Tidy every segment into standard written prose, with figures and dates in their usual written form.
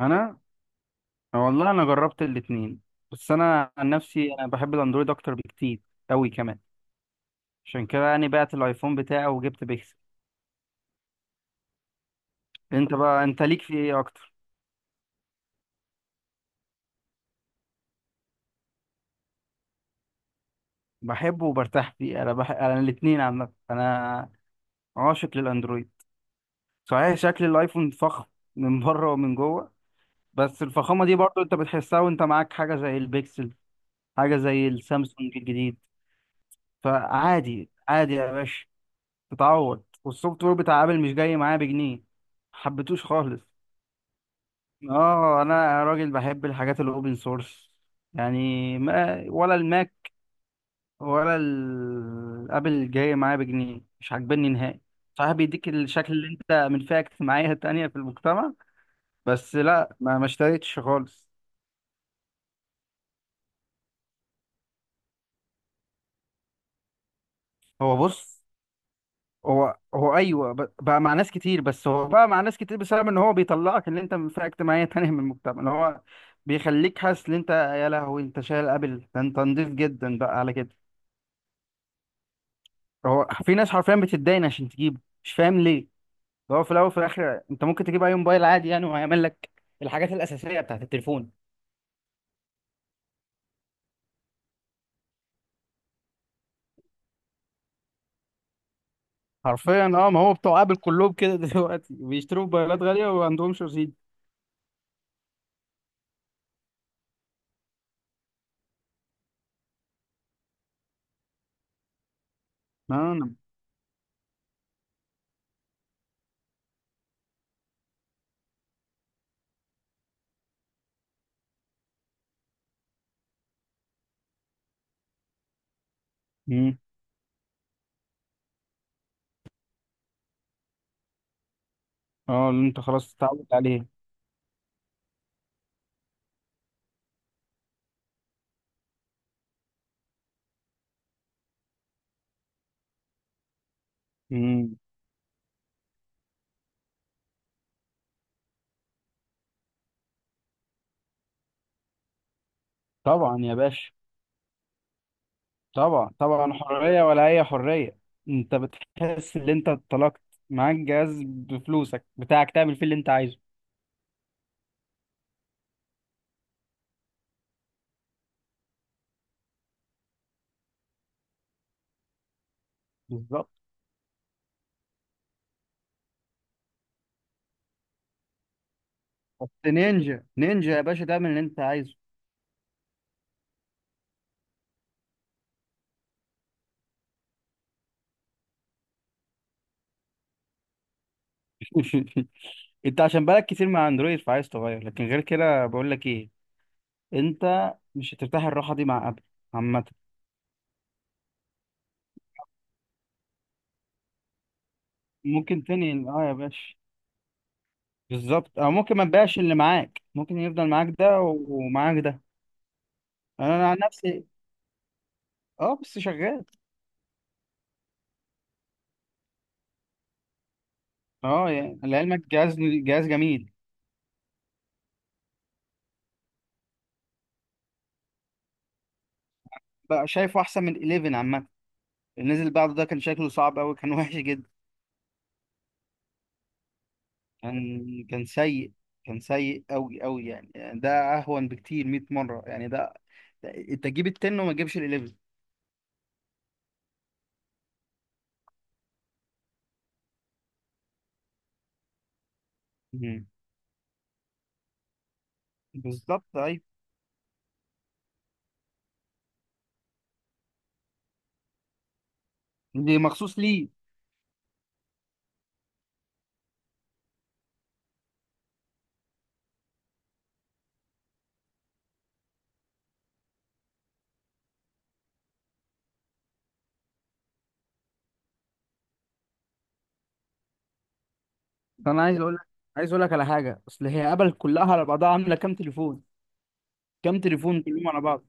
انا والله انا جربت الاتنين. بس انا عن نفسي انا بحب الاندرويد اكتر بكتير قوي كمان. عشان كده يعني بعت الايفون بتاعي وجبت بيكسل. انت بقى انت ليك في ايه اكتر؟ بحبه وبرتاح فيه، انا بحب انا الاتنين عامه، انا عاشق للاندرويد. صحيح شكل الايفون فخم من بره ومن جوه، بس الفخامه دي برضو انت بتحسها وانت معاك حاجه زي البيكسل، حاجه زي السامسونج الجديد. فعادي عادي يا باشا، تتعوض. والسوفت وير بتاع ابل مش جاي معايا بجنيه، حبيتوش خالص. اه انا راجل بحب الحاجات الاوبن سورس، يعني ما ولا الماك ولا الابل جاي معايا بجنيه، مش عاجبني نهائي. صحيح بيديك الشكل اللي انت من فئة اجتماعية تانية في المجتمع، بس لا، ما اشتريتش خالص. هو بص، هو هو ايوه بقى مع ناس كتير، بس هو بقى مع ناس كتير بسبب ان هو بيطلعك ان انت من فئه اجتماعيه تانية من المجتمع، ان هو بيخليك حاسس ان انت يا لهوي انت شايل. قبل ده انت نضيف جدا بقى على كده. هو في ناس حرفيا بتتداين عشان تجيبه، مش فاهم ليه. ده هو في الاول وفي الاخر انت ممكن تجيب اي موبايل عادي يعني، وهيعمل لك الحاجات الاساسيه بتاعت التليفون. حرفيا اه، ما هو بتوع ابل كلهم كده دلوقتي بيشتروا موبايلات غاليه وما عندهمش رصيد. اه. أنا- مم. اه، اللي انت خلاص اتعودت عليه. مم. طبعا يا باشا. طبعا طبعا، حرية ولا أي حرية. أنت بتحس إن أنت اتطلقت، معاك جهاز بفلوسك بتاعك تعمل فيه اللي أنت عايزه. بالظبط. بس نينجا نينجا يا باشا، تعمل اللي أنت عايزه. أنت عشان بقالك كتير مع أندرويد فعايز تغير، لكن غير كده بقول لك إيه، أنت مش هترتاح الراحة دي مع أبل عامة. ممكن تاني أه يا باشا. بالظبط، أو ممكن ما تبيعش اللي معاك، ممكن يفضل معاك ده ومعاك ده. أنا أنا عن نفسي أه بس شغال. أه يعني لعلمك جهاز جهاز جميل. بقى شايفه احسن من 11 عامه، اللي نزل بعده ده كان شكله صعب قوي، كان وحش جدا. كان كان سيء، كان سيء قوي قوي يعني. ده اهون بكتير 100 مره يعني. ده انت تجيب ال 10 وما تجيبش ال 11. مم. بالظبط ايوه. دي مخصوص ليه. ده انا عايز اقول لك، عايز اقول لك على حاجه. اصل هي ابل كلها على بعضها عامله كام تليفون؟ كام تليفون كلهم على بعض؟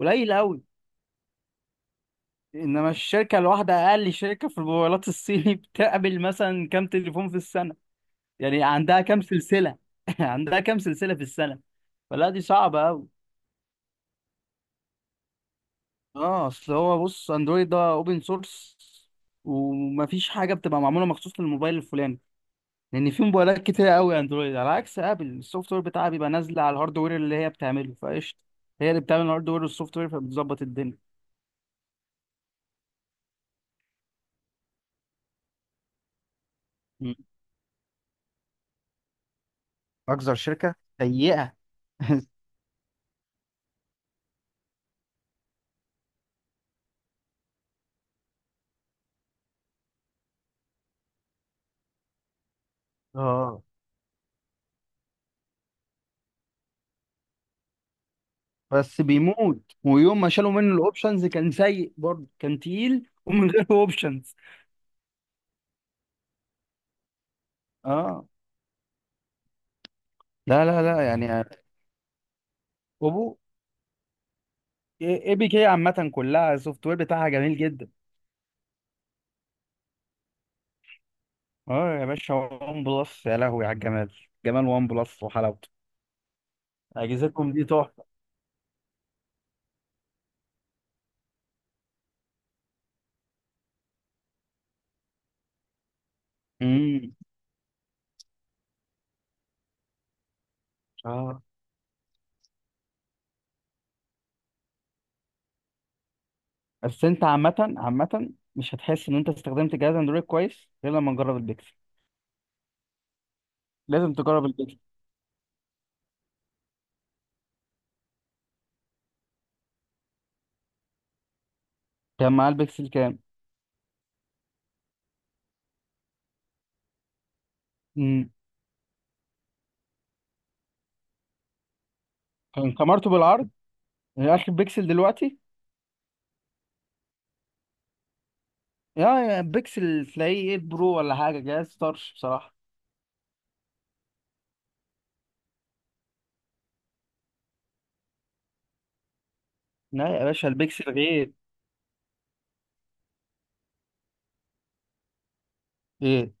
قليل قوي. انما الشركه الواحده، اقل شركه في الموبايلات الصيني بتقبل مثلا كام تليفون في السنه؟ يعني عندها كام سلسلة؟ عندها كام سلسلة في السنة؟ فلا دي صعبة أوي. اه اصل هو بص، اندرويد ده اوبن سورس، ومفيش حاجة بتبقى معمولة مخصوص للموبايل الفلاني، لأن في موبايلات كتيرة أوي اندرويد. على عكس ابل، السوفت وير بتاعها بيبقى نازلة على الهاردوير اللي هي بتعمله، فقشطة. هي اللي بتعمل الهاردوير والسوفت وير فبتظبط الدنيا. مم. اكثر شركه سيئة. اه بس بيموت، ويوم ما شالوا منه الاوبشنز كان سيء برضه، كان تقيل ومن غير اوبشنز. اه. لا يعني اوبو، اي بي كي عامة كلها السوفت وير بتاعها جميل جدا. اه يا باشا، وان بلس يا لهوي على الجمال. جمال وان بلس وحلاوته، اجهزتكم دي تحفه. امم. اه بس انت عامة عامة مش هتحس ان انت استخدمت جهاز اندرويد كويس غير لما نجرب البيكسل. لازم تجرب البيكسل. كان معاه البيكسل كام؟ امم. كان كمرته بالعرض، يعني اخر بيكسل دلوقتي. يا يا بيكسل تلاقيه 8 برو ولا حاجة، جهاز طرش بصراحة. لا يا باشا، البيكسل غير. إيه؟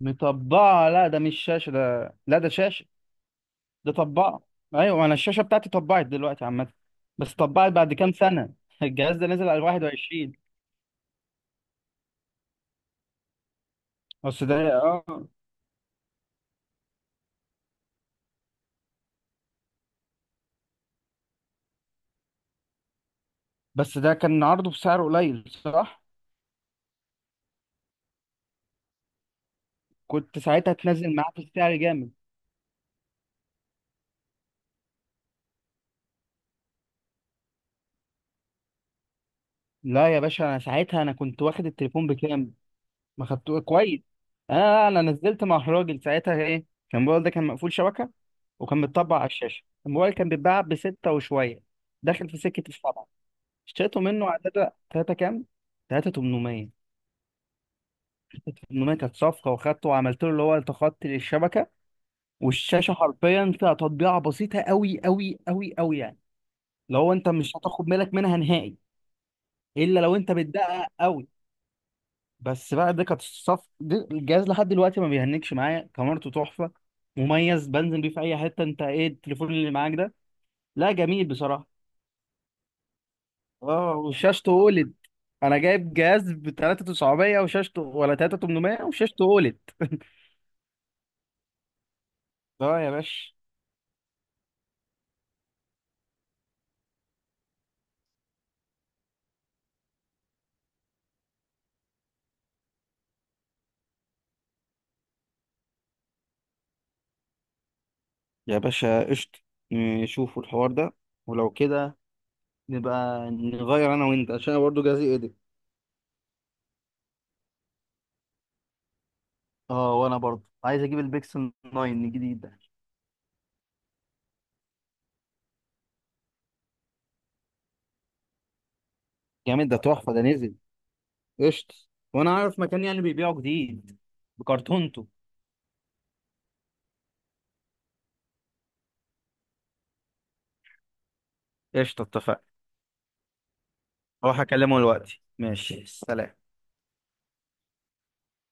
مطبعة؟ لا ده مش شاشة، ده لا ده شاشة، ده طبعة. أيوة، أنا الشاشة بتاعتي طبعت دلوقتي عامة، بس طبعت بعد كام سنة. الجهاز ده نزل على 21. بس ده اه، بس ده كان عرضه بسعر قليل صح؟ كنت ساعتها تنزل معاه في السعر جامد. لا يا باشا، أنا ساعتها أنا كنت واخد التليفون بكام؟ ما خدته كويس. أنا أنا نزلت مع الراجل ساعتها إيه؟ كان الموبايل ده كان مقفول شبكة وكان متطبع على الشاشة. الموبايل كان بيتباع بستة وشوية، داخل في سكة السبعة. اشتريته منه على تلاتة. تلاتة كام؟ تلاتة تمنمية. تمنمية كانت صفقة، وخدته وعملت له اللي هو التخطي للشبكة. والشاشة حرفيا فيها تطبيعة بسيطة أوي أوي أوي أوي يعني، لو أنت مش هتاخد بالك منها نهائي، إلا لو أنت بتدقق أوي. بس بقى دي كانت الصف، دي الجهاز لحد دلوقتي ما بيهنكش معايا، كاميرته تحفة، مميز، بنزل بيه في أي حتة. أنت إيه التليفون اللي معاك ده؟ لا جميل بصراحة. أه وشاشته أولد. أنا جايب جهاز ب 3900 وشاشته، ولا 3800 وشاشته أولد. اه يا باشا. يا باشا قشطة، نشوفوا الحوار ده، ولو كده نبقى نغير انا وانت، عشان انا برضه جاهز ايديت. اه وانا برضه عايز اجيب البيكسل 9 الجديد ده. جامد، ده تحفة ده نزل. قشطة. وانا عارف مكان يعني بيبيعه جديد بكرتونته. قشطة اتفقنا. هروح اكلمه دلوقتي، ماشي سلام.